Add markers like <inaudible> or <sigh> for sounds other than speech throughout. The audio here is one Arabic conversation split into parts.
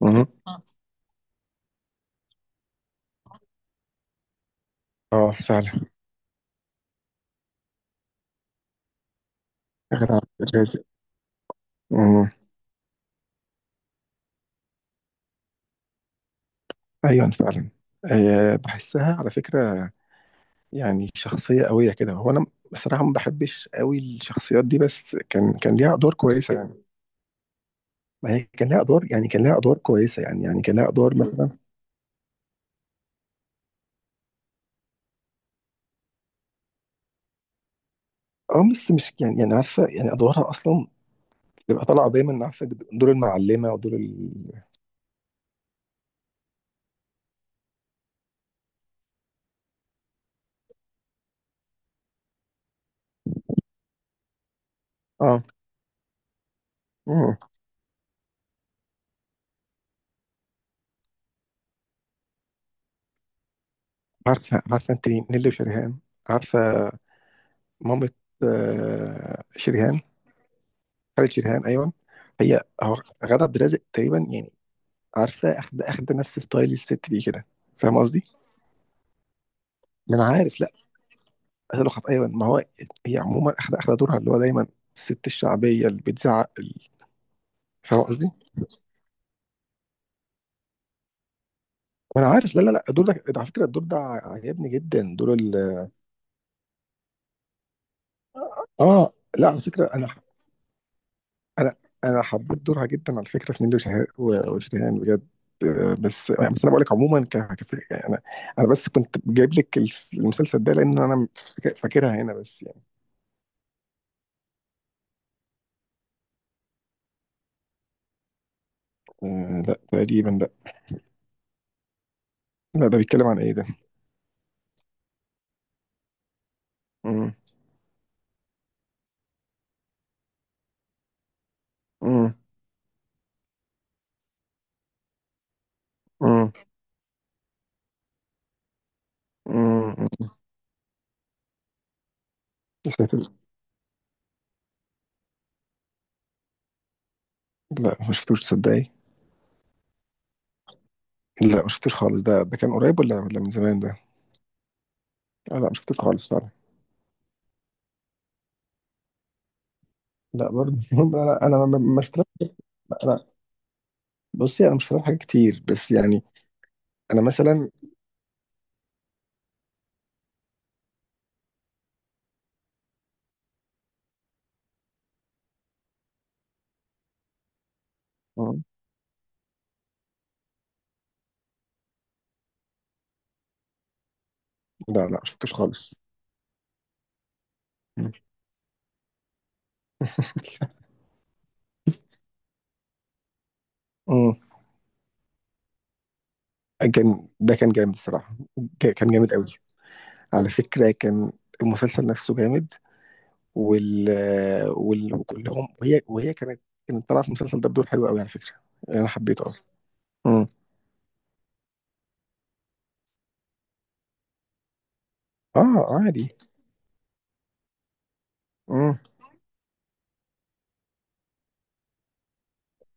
مم. آه. اه فعلا. غير عن الرازق. مم. ايوه فعلا. آه، بحسها على فكره. يعني شخصيه قويه كده. هو انا بصراحه ما بحبش قوي الشخصيات دي، بس كان ليها ادوار كويسه يعني. ما هي كان ليها ادوار، يعني كان ليها ادوار كويسه، يعني كان ليها ادوار مثلا. اه بس مش يعني عارفه يعني ادوارها اصلا تبقى طالعه دايما، عارفه، دور المعلمه ودور ال اه مم. عارفه انت نيلي وشريهان. عارفه. مامة. آه، شريهان. خالد شيريهان، ايوه. هي هو غادة عبد الرازق تقريبا يعني. عارفه اخد نفس ستايل الست دي كده. فاهم قصدي؟ ما انا عارف، لا. قالوا خط، ايوه ما هو. هي عموما اخد دورها اللي هو دايما الست الشعبيه اللي بتزعق فاهم قصدي؟ ما انا عارف، لا لا لا، الدور ده على فكره، الدور ده عجبني جدا، دور ال اه لا على فكره، انا انا حبيت دورها جدا على فكره في نيلي وشريهان بجد. آه، بس يعني، بس انا بقول لك عموما، كفكره يعني، انا بس كنت جايب لك المسلسل ده لان انا فاكرها هنا بس يعني. آه، لا تقريبا لا. لا ده بيتكلم عن ايه ده؟ مم. مم. مم. مم. يا ساتر. لا ما شفتوش تصدقي. لا ما شفتوش خالص، ده كان قريب ولا من زمان ده؟ آه، لا ما شفتوش خالص فعلا. لا برضه <laughs> انا ما شفتلهاش-. لا، انا. بصي انا مش فاهم حاجات كتير بس يعني انا مثلا. لا لا شفتوش خالص. مم. <laughs> مم. كان ده كان جامد الصراحة. كان جامد قوي. على فكرة كان المسلسل نفسه جامد. وال وال وكلهم، وهي كانت طالعة في المسلسل ده بدور حلو قوي على فكرة. يعني انا حبيته اصلا. مم. اه عادي. مم.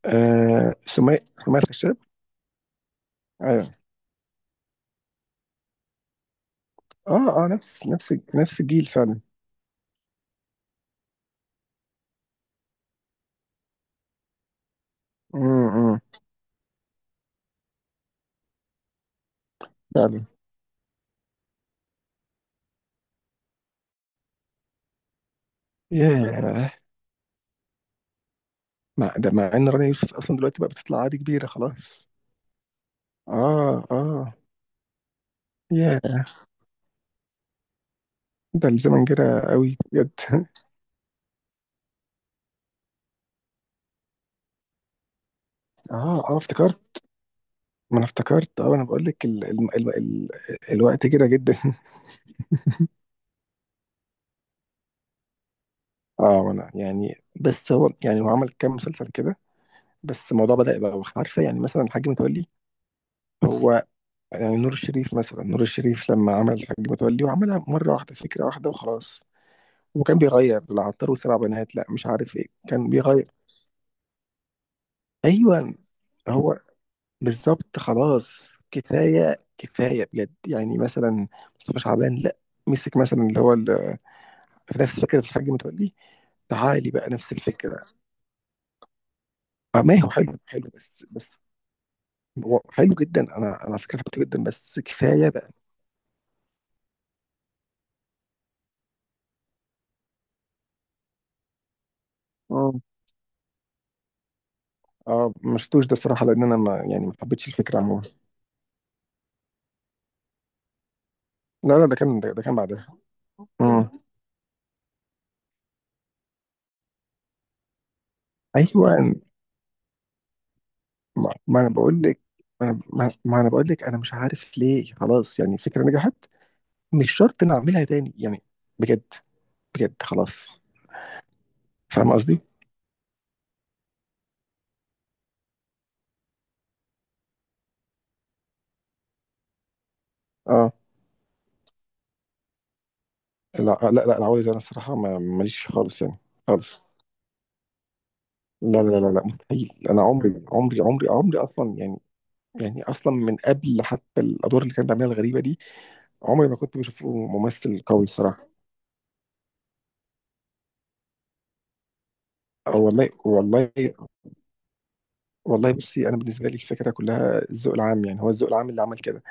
آه، سمية الخشاب. ايوه. اه اه، نفس نفس الجيل فعلا. امم. فعلا. ياه. مع ان رنا يوسف اصلا دلوقتي بقى بتطلع عادي كبيرة خلاص. اه اه. ياه. ده الزمن جرى قوي بجد <laughs> اه اه افتكرت. ما انا افتكرت، انا بقول لك الوقت جرى جدا. <laughs> اه انا يعني، بس هو يعني، هو عمل كام مسلسل كده. بس الموضوع بدأ يبقى، عارفه يعني، مثلا الحاج متولي هو يعني. نور الشريف مثلا، نور الشريف لما عمل الحاج متولي وعملها مره واحده، فكره واحده وخلاص. وكان بيغير العطار وسبع بنات، لا مش عارف ايه كان بيغير. ايوه. هو بالظبط، خلاص كفايه كفايه بجد. يعني مثلا مصطفى شعبان لا، مسك مثلا اللي هو في نفس فكره الحاج متولي. تعالي بقى نفس الفكره. اه ما هو حلو حلو، بس بس هو حلو جدا. انا على فكره حبيته جدا، بس كفايه بقى. اه اه ما شفتوش ده الصراحه، لان انا ما حبيتش الفكره عموما. لا لا، ده كان بعدها. مم. ايوه. ما انا بقول لك، ما انا بقول لك انا مش عارف ليه، خلاص يعني الفكره نجحت، مش شرط نعملها تاني يعني. بجد. بجد خلاص. فاهم قصدي؟ اه لا، آه، لا لا، العوادي ده انا الصراحه ماليش فيه خالص يعني. خالص. لا لا لا لا، مستحيل، انا عمري عمري عمري عمري اصلا يعني. يعني اصلا من قبل حتى الادوار اللي كان بيعملها الغريبه دي، عمري ما كنت بشوفه ممثل قوي الصراحه. آه، والله والله. والله بصي، انا بالنسبه لي الفكره كلها الذوق العام، يعني هو الذوق العام اللي عمل كده.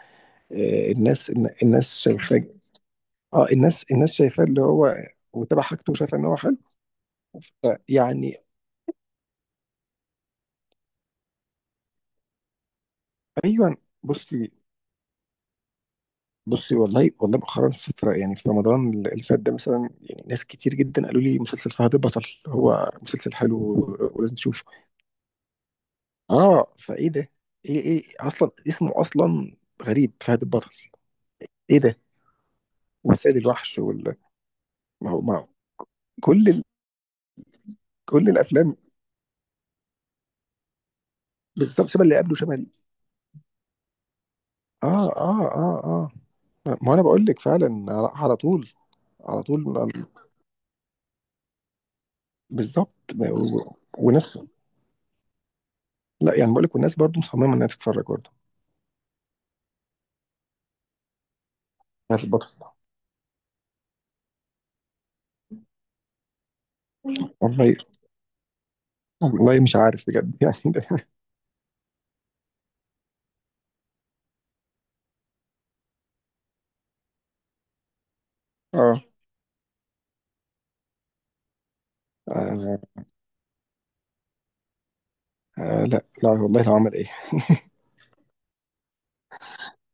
آه، الناس الناس شايفاه. اه الناس شايفاه اللي هو وتابع حاجته وشايفه ان هو حلو، يعني. ايوه. بصي بصي، والله والله مؤخرا فترة يعني في رمضان اللي فات ده مثلا، يعني ناس كتير جدا قالوا لي مسلسل فهد البطل هو مسلسل حلو ولازم تشوفه. اه فايه ده؟ ايه ايه اصلا اسمه اصلا غريب، فهد البطل. ايه ده، والسيد الوحش ما هو ما هو كل ال... كل الافلام. بالظبط شبه اللي قبله، شبه اه اه اه اه، ما انا بقول لك فعلا، على طول، على طول، بالظبط، وناس. لا يعني، بقول لك والناس برضو مصممه انها تتفرج برضو. فهد البطل. والله والله مش عارف بجد <laughs> يعني ده. اه. آه آه. لا لا والله لو عمل ايه.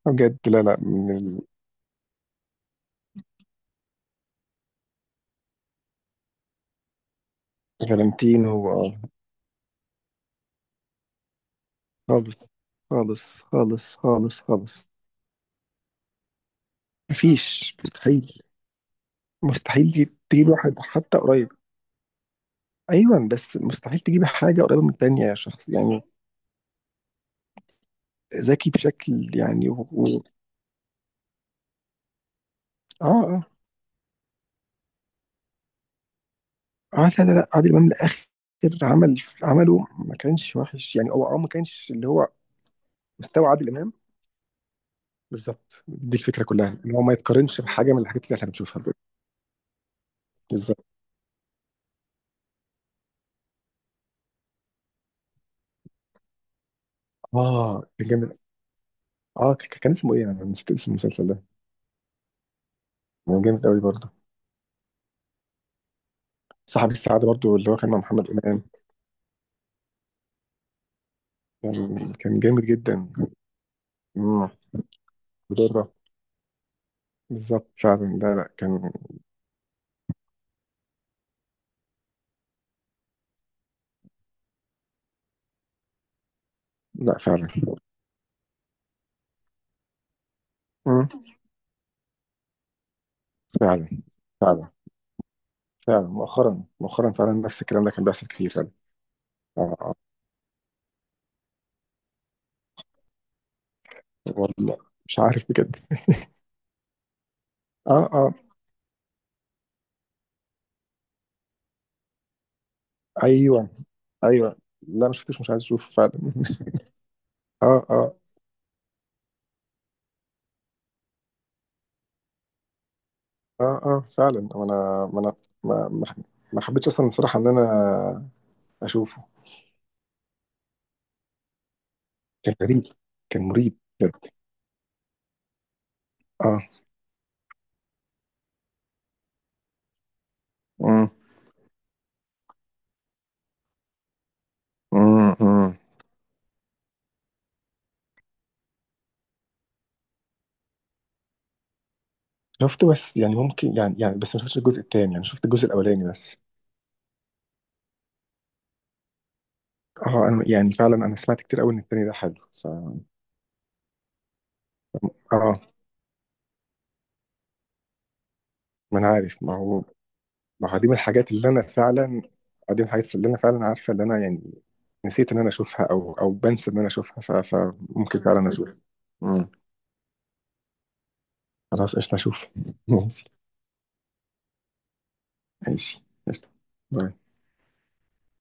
آه، بجد لا لا من. فالنتينو، آه. خالص خالص خالص خالص خالص. مفيش، مستحيل. مستحيل تجيب واحد حتى قريب. ايوه بس مستحيل تجيب حاجه قريبه من التانيه، يا شخص يعني. ذكي بشكل يعني اه اه اه، لا لا لا، عادل امام الاخر. عمل عمله ما كانش وحش يعني، هو ما كانش اللي هو مستوى عادل امام. بالظبط، دي الفكره كلها، ان هو ما يتقارنش بحاجه من الحاجات اللي احنا بنشوفها دلوقتي. بالظبط. اه كان جامد. اه كان اسمه ايه، انا نسيت اسم المسلسل ده. كان جامد قوي برضه. صاحب السعاده برضه، اللي هو كان مع محمد امام. كان جامد جدا. امم. بدورة. بالظبط فعلا، لا لا كان. لا فعلا. امم. فعلا. فعلا فعلا مؤخرا مؤخرا فعلا، نفس الكلام ده كان بيحصل كتير فعلا. آه آه. والله مش عارف بجد. اه اه. ايوه ايوه. لا ما شفتوش، مش عايز اشوفه فعلا <laughs> اه اه اه اه فعلا، ما انا ما انا ما ما ما حبيتش اصلا بصراحه ان انا اشوفه. كان غريب، كان مريب بجد. اه. امم أمم. شفته بس يعني، ممكن يعني بس ما شفتش الجزء الثاني، يعني شفت الجزء الاولاني بس. اه انا يعني فعلا، انا سمعت كتير قوي ان الثاني ده حلو. ف اه ما انا عارف، ما هو. ما هو دي من الحاجات اللي انا فعلا. آه، دي من الحاجات اللي انا فعلا عارفه، اللي انا يعني نسيت ان انا اشوفها او بنسى ان انا اشوفها، فممكن فعلا اشوفها. امم. خلاص قشطه اشوف <laughs> ماشي. ماشي قشطة. باي.